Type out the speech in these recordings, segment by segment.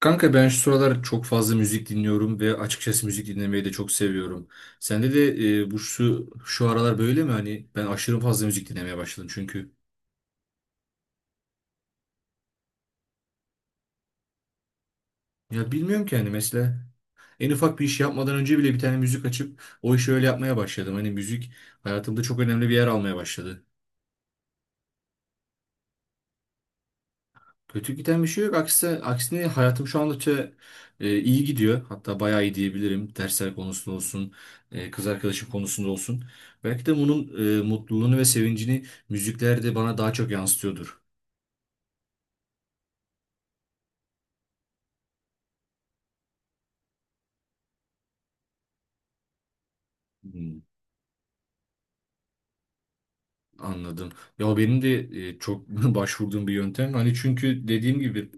Kanka ben şu sıralar çok fazla müzik dinliyorum ve açıkçası müzik dinlemeyi de çok seviyorum. Sende de bu şu aralar böyle mi? Hani ben aşırı fazla müzik dinlemeye başladım çünkü. Ya bilmiyorum ki hani mesela en ufak bir iş yapmadan önce bile bir tane müzik açıp o işi öyle yapmaya başladım. Hani müzik hayatımda çok önemli bir yer almaya başladı. Kötü giden bir şey yok. Aksine, aksine hayatım şu anda iyi gidiyor. Hatta bayağı iyi diyebilirim. Dersler konusunda olsun, kız arkadaşım konusunda olsun. Belki de bunun mutluluğunu ve sevincini müzikler de bana daha çok yansıtıyordur. Hmm, anladım. Ya benim de çok başvurduğum bir yöntem. Hani çünkü dediğim gibi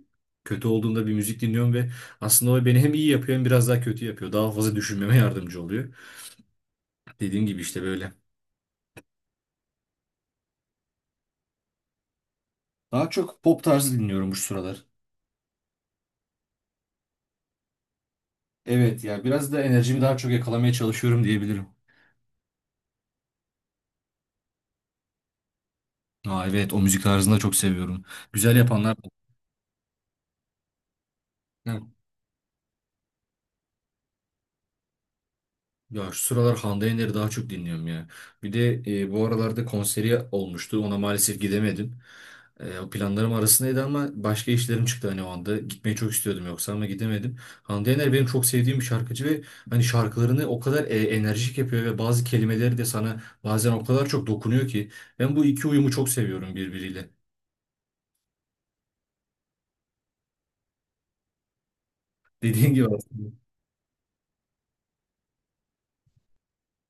kötü olduğumda bir müzik dinliyorum ve aslında o beni hem iyi yapıyor hem biraz daha kötü yapıyor. Daha fazla düşünmeme yardımcı oluyor. Dediğim gibi işte böyle. Daha çok pop tarzı dinliyorum bu sıralar. Evet ya biraz da enerjimi daha çok yakalamaya çalışıyorum diyebilirim. Aa, evet o müzik tarzını da çok seviyorum. Güzel yapanlar. Hı. Ya şu sıralar Hande Yener'i daha çok dinliyorum ya. Bir de bu aralarda konseri olmuştu. Ona maalesef gidemedim. O planlarım arasındaydı ama başka işlerim çıktı hani o anda. Gitmeyi çok istiyordum yoksa ama gidemedim. Hande Yener benim çok sevdiğim bir şarkıcı ve hani şarkılarını o kadar enerjik yapıyor ve bazı kelimeleri de sana bazen o kadar çok dokunuyor ki. Ben bu iki uyumu çok seviyorum birbiriyle. Dediğin gibi aslında.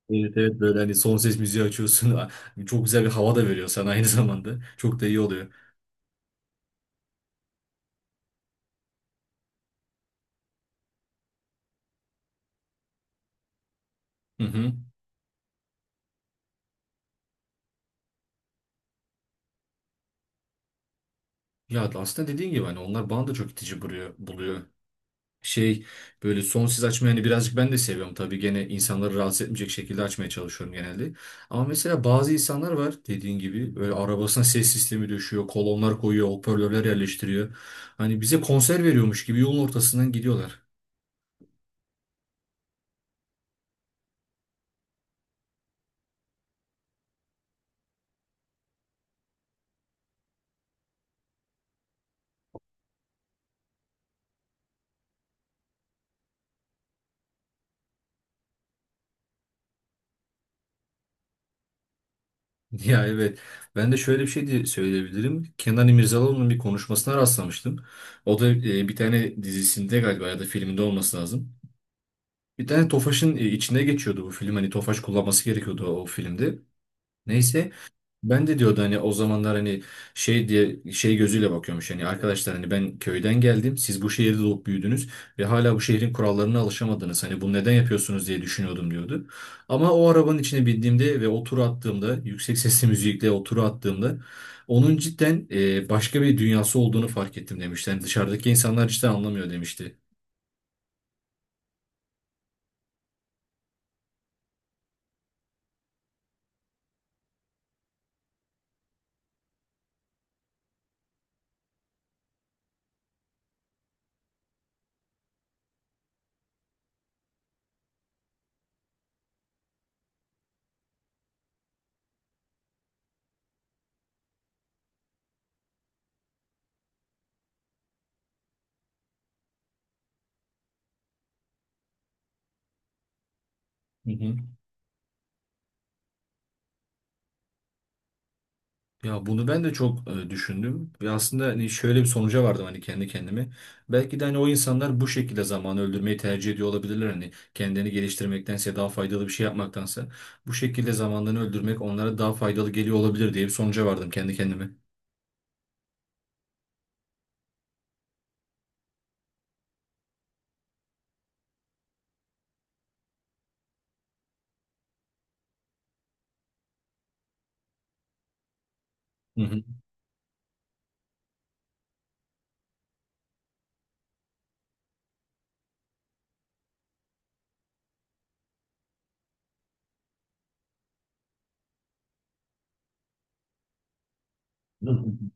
Evet, evet, böyle hani son ses müziği açıyorsun. Çok güzel bir hava da veriyor sana aynı zamanda. Çok da iyi oluyor. Hı hı. Ya aslında dediğin gibi hani onlar bana da çok itici buluyor. Şey Böyle son ses açmayı hani birazcık ben de seviyorum. Tabii gene insanları rahatsız etmeyecek şekilde açmaya çalışıyorum genelde. Ama mesela bazı insanlar var dediğin gibi böyle arabasına ses sistemi döşüyor, kolonlar koyuyor, hoparlörler yerleştiriyor. Hani bize konser veriyormuş gibi yolun ortasından gidiyorlar. Ya evet. Ben de şöyle bir şey diye söyleyebilirim. Kenan İmirzalıoğlu'nun bir konuşmasına rastlamıştım. O da bir tane dizisinde galiba ya da filminde olması lazım. Bir tane Tofaş'ın içine geçiyordu bu film. Hani Tofaş kullanması gerekiyordu o filmde. Neyse. Ben de diyordu hani o zamanlar hani şey diye şey gözüyle bakıyormuş hani arkadaşlar hani ben köyden geldim, siz bu şehirde doğup büyüdünüz ve hala bu şehrin kurallarına alışamadınız, hani bunu neden yapıyorsunuz diye düşünüyordum diyordu. Ama o arabanın içine bindiğimde ve o turu attığımda, yüksek sesli müzikle o turu attığımda onun cidden başka bir dünyası olduğunu fark ettim demişti. Yani dışarıdaki insanlar cidden anlamıyor demişti. Ya bunu ben de çok düşündüm. Ve aslında hani şöyle bir sonuca vardım hani kendi kendime. Belki de hani o insanlar bu şekilde zamanı öldürmeyi tercih ediyor olabilirler. Hani kendini geliştirmektense, daha faydalı bir şey yapmaktansa bu şekilde zamanlarını öldürmek onlara daha faydalı geliyor olabilir diye bir sonuca vardım kendi kendime. Hı hı.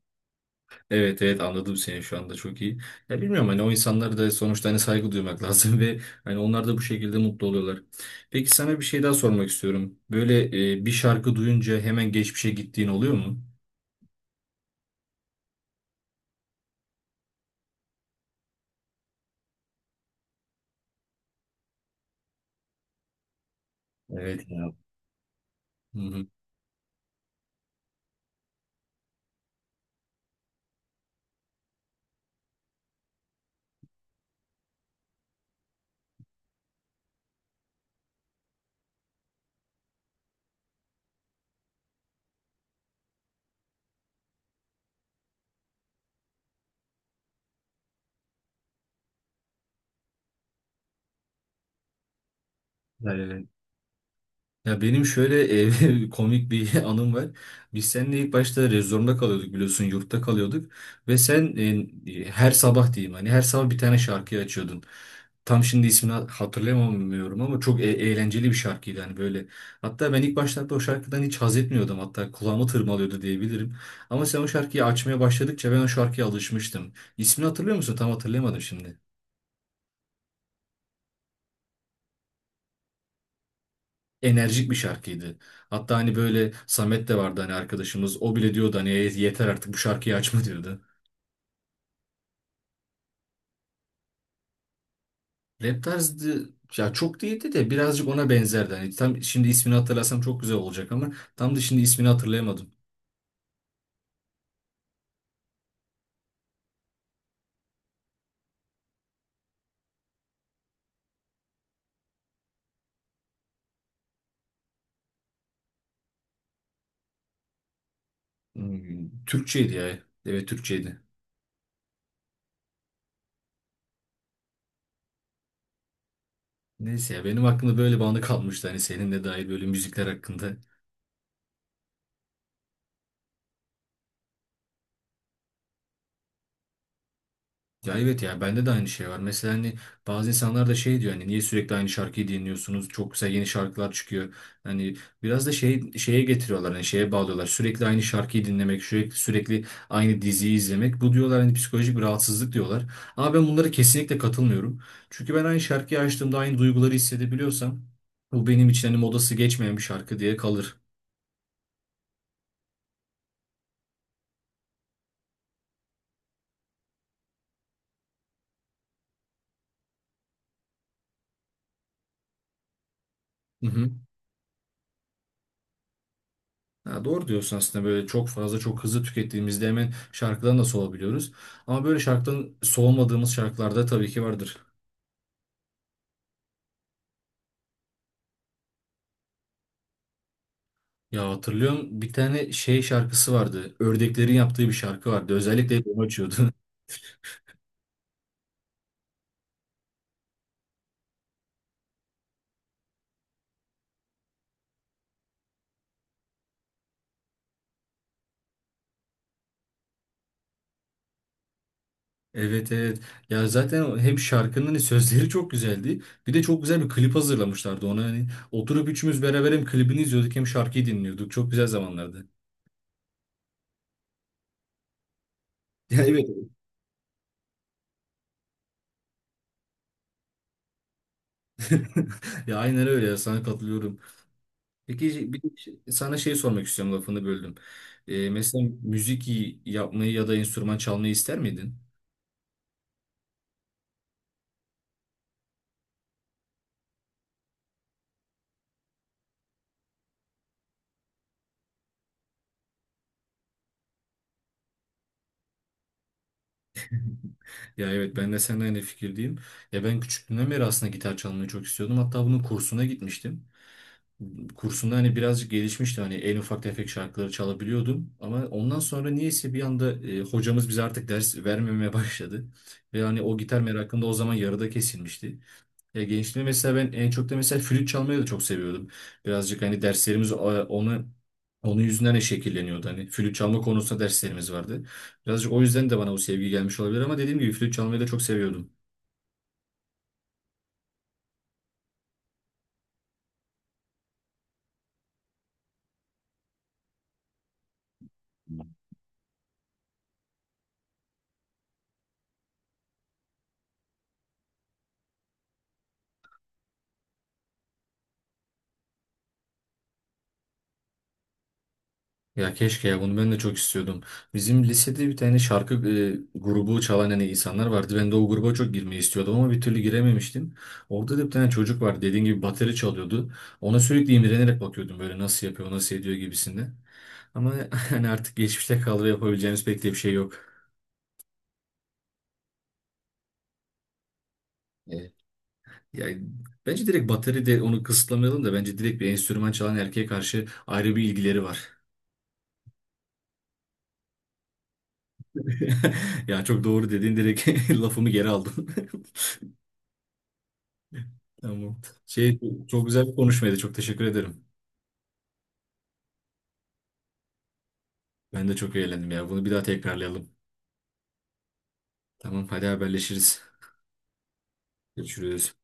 Evet, evet, anladım seni şu anda çok iyi. Ya bilmiyorum, hani o insanlara da sonuçta hani saygı duymak lazım ve hani onlar da bu şekilde mutlu oluyorlar. Peki sana bir şey daha sormak istiyorum. Böyle bir şarkı duyunca hemen geçmişe gittiğin oluyor mu? Evet ya. Hı hı. Evet. Ya benim şöyle komik bir anım var. Biz seninle ilk başta rezorunda kalıyorduk, biliyorsun, yurtta kalıyorduk. Ve sen her sabah diyeyim, hani her sabah bir tane şarkıyı açıyordun. Tam şimdi ismini hatırlayamıyorum ama çok eğlenceli bir şarkıydı hani böyle. Hatta ben ilk başlarda o şarkıdan hiç haz etmiyordum, hatta kulağımı tırmalıyordu diyebilirim. Ama sen o şarkıyı açmaya başladıkça ben o şarkıya alışmıştım. İsmini hatırlıyor musun? Tam hatırlayamadım şimdi. Enerjik bir şarkıydı. Hatta hani böyle Samet de vardı hani arkadaşımız. O bile diyordu hani "E, yeter artık bu şarkıyı açma" diyordu. Rap tarzı ya çok değildi de birazcık ona benzerdi. Hani tam şimdi ismini hatırlasam çok güzel olacak ama tam da şimdi ismini hatırlayamadım. Hmm, Türkçeydi ya. Evet, Türkçeydi. Neyse ya, benim aklımda böyle bir anı kalmıştı hani seninle dair böyle müzikler hakkında. Ya evet, ya bende de aynı şey var. Mesela hani bazı insanlar da şey diyor hani niye sürekli aynı şarkıyı dinliyorsunuz? Çok güzel yeni şarkılar çıkıyor. Hani biraz da şey şeye getiriyorlar, hani şeye bağlıyorlar. Sürekli aynı şarkıyı dinlemek, sürekli, sürekli aynı diziyi izlemek. Bu diyorlar hani psikolojik bir rahatsızlık diyorlar. Ama ben bunlara kesinlikle katılmıyorum. Çünkü ben aynı şarkıyı açtığımda aynı duyguları hissedebiliyorsam, bu benim için hani modası geçmeyen bir şarkı diye kalır. Ha, doğru diyorsun aslında, böyle çok fazla çok hızlı tükettiğimizde hemen şarkıdan da soğuyabiliyoruz. Ama böyle şarkıdan soğumadığımız şarkılarda tabii ki vardır. Ya hatırlıyorum, bir tane şey şarkısı vardı. Ördeklerin yaptığı bir şarkı vardı. Özellikle hep onu açıyordu. Evet, evet. Ya zaten hem şarkının hani sözleri çok güzeldi. Bir de çok güzel bir klip hazırlamışlardı ona. Hani oturup üçümüz beraber hem klibini izliyorduk hem şarkıyı dinliyorduk. Çok güzel zamanlardı. Ya evet. Ya aynen öyle ya, sana katılıyorum. Peki şey, bir de sana şey sormak istiyorum, lafını böldüm. Mesela müzik yapmayı ya da enstrüman çalmayı ister miydin? Ya evet, ben de seninle aynı fikirdeyim. Ya ben küçüklüğümden beri aslında gitar çalmayı çok istiyordum. Hatta bunun kursuna gitmiştim. Kursunda hani birazcık gelişmişti. Hani en ufak tefek şarkıları çalabiliyordum. Ama ondan sonra niyeyse bir anda hocamız bize artık ders vermemeye başladı. Ve hani o gitar merakım da o zaman yarıda kesilmişti. Ya gençliğimde mesela ben en çok da mesela flüt çalmayı da çok seviyordum. Birazcık hani derslerimiz onu, onun yüzünden de şekilleniyordu. Hani flüt çalma konusunda derslerimiz vardı. Birazcık o yüzden de bana o sevgi gelmiş olabilir ama dediğim gibi flüt çalmayı da çok seviyordum. Ya keşke ya, bunu ben de çok istiyordum. Bizim lisede bir tane şarkı grubu çalan hani insanlar vardı. Ben de o gruba çok girmeyi istiyordum ama bir türlü girememiştim. Orada da bir tane çocuk vardı. Dediğim gibi bateri çalıyordu. Ona sürekli imrenerek bakıyordum böyle, nasıl yapıyor, nasıl ediyor gibisinde. Ama hani artık geçmişte kaldı ve yapabileceğimiz pek de bir şey yok. Evet. Yani bence direkt bateri de onu kısıtlamayalım da, bence direkt bir enstrüman çalan erkeğe karşı ayrı bir ilgileri var. Ya çok doğru dedin, direkt lafımı geri aldım. Tamam. Çok güzel bir konuşmaydı. Çok teşekkür ederim. Ben de çok eğlendim ya. Bunu bir daha tekrarlayalım. Tamam, hadi haberleşiriz. Görüşürüz.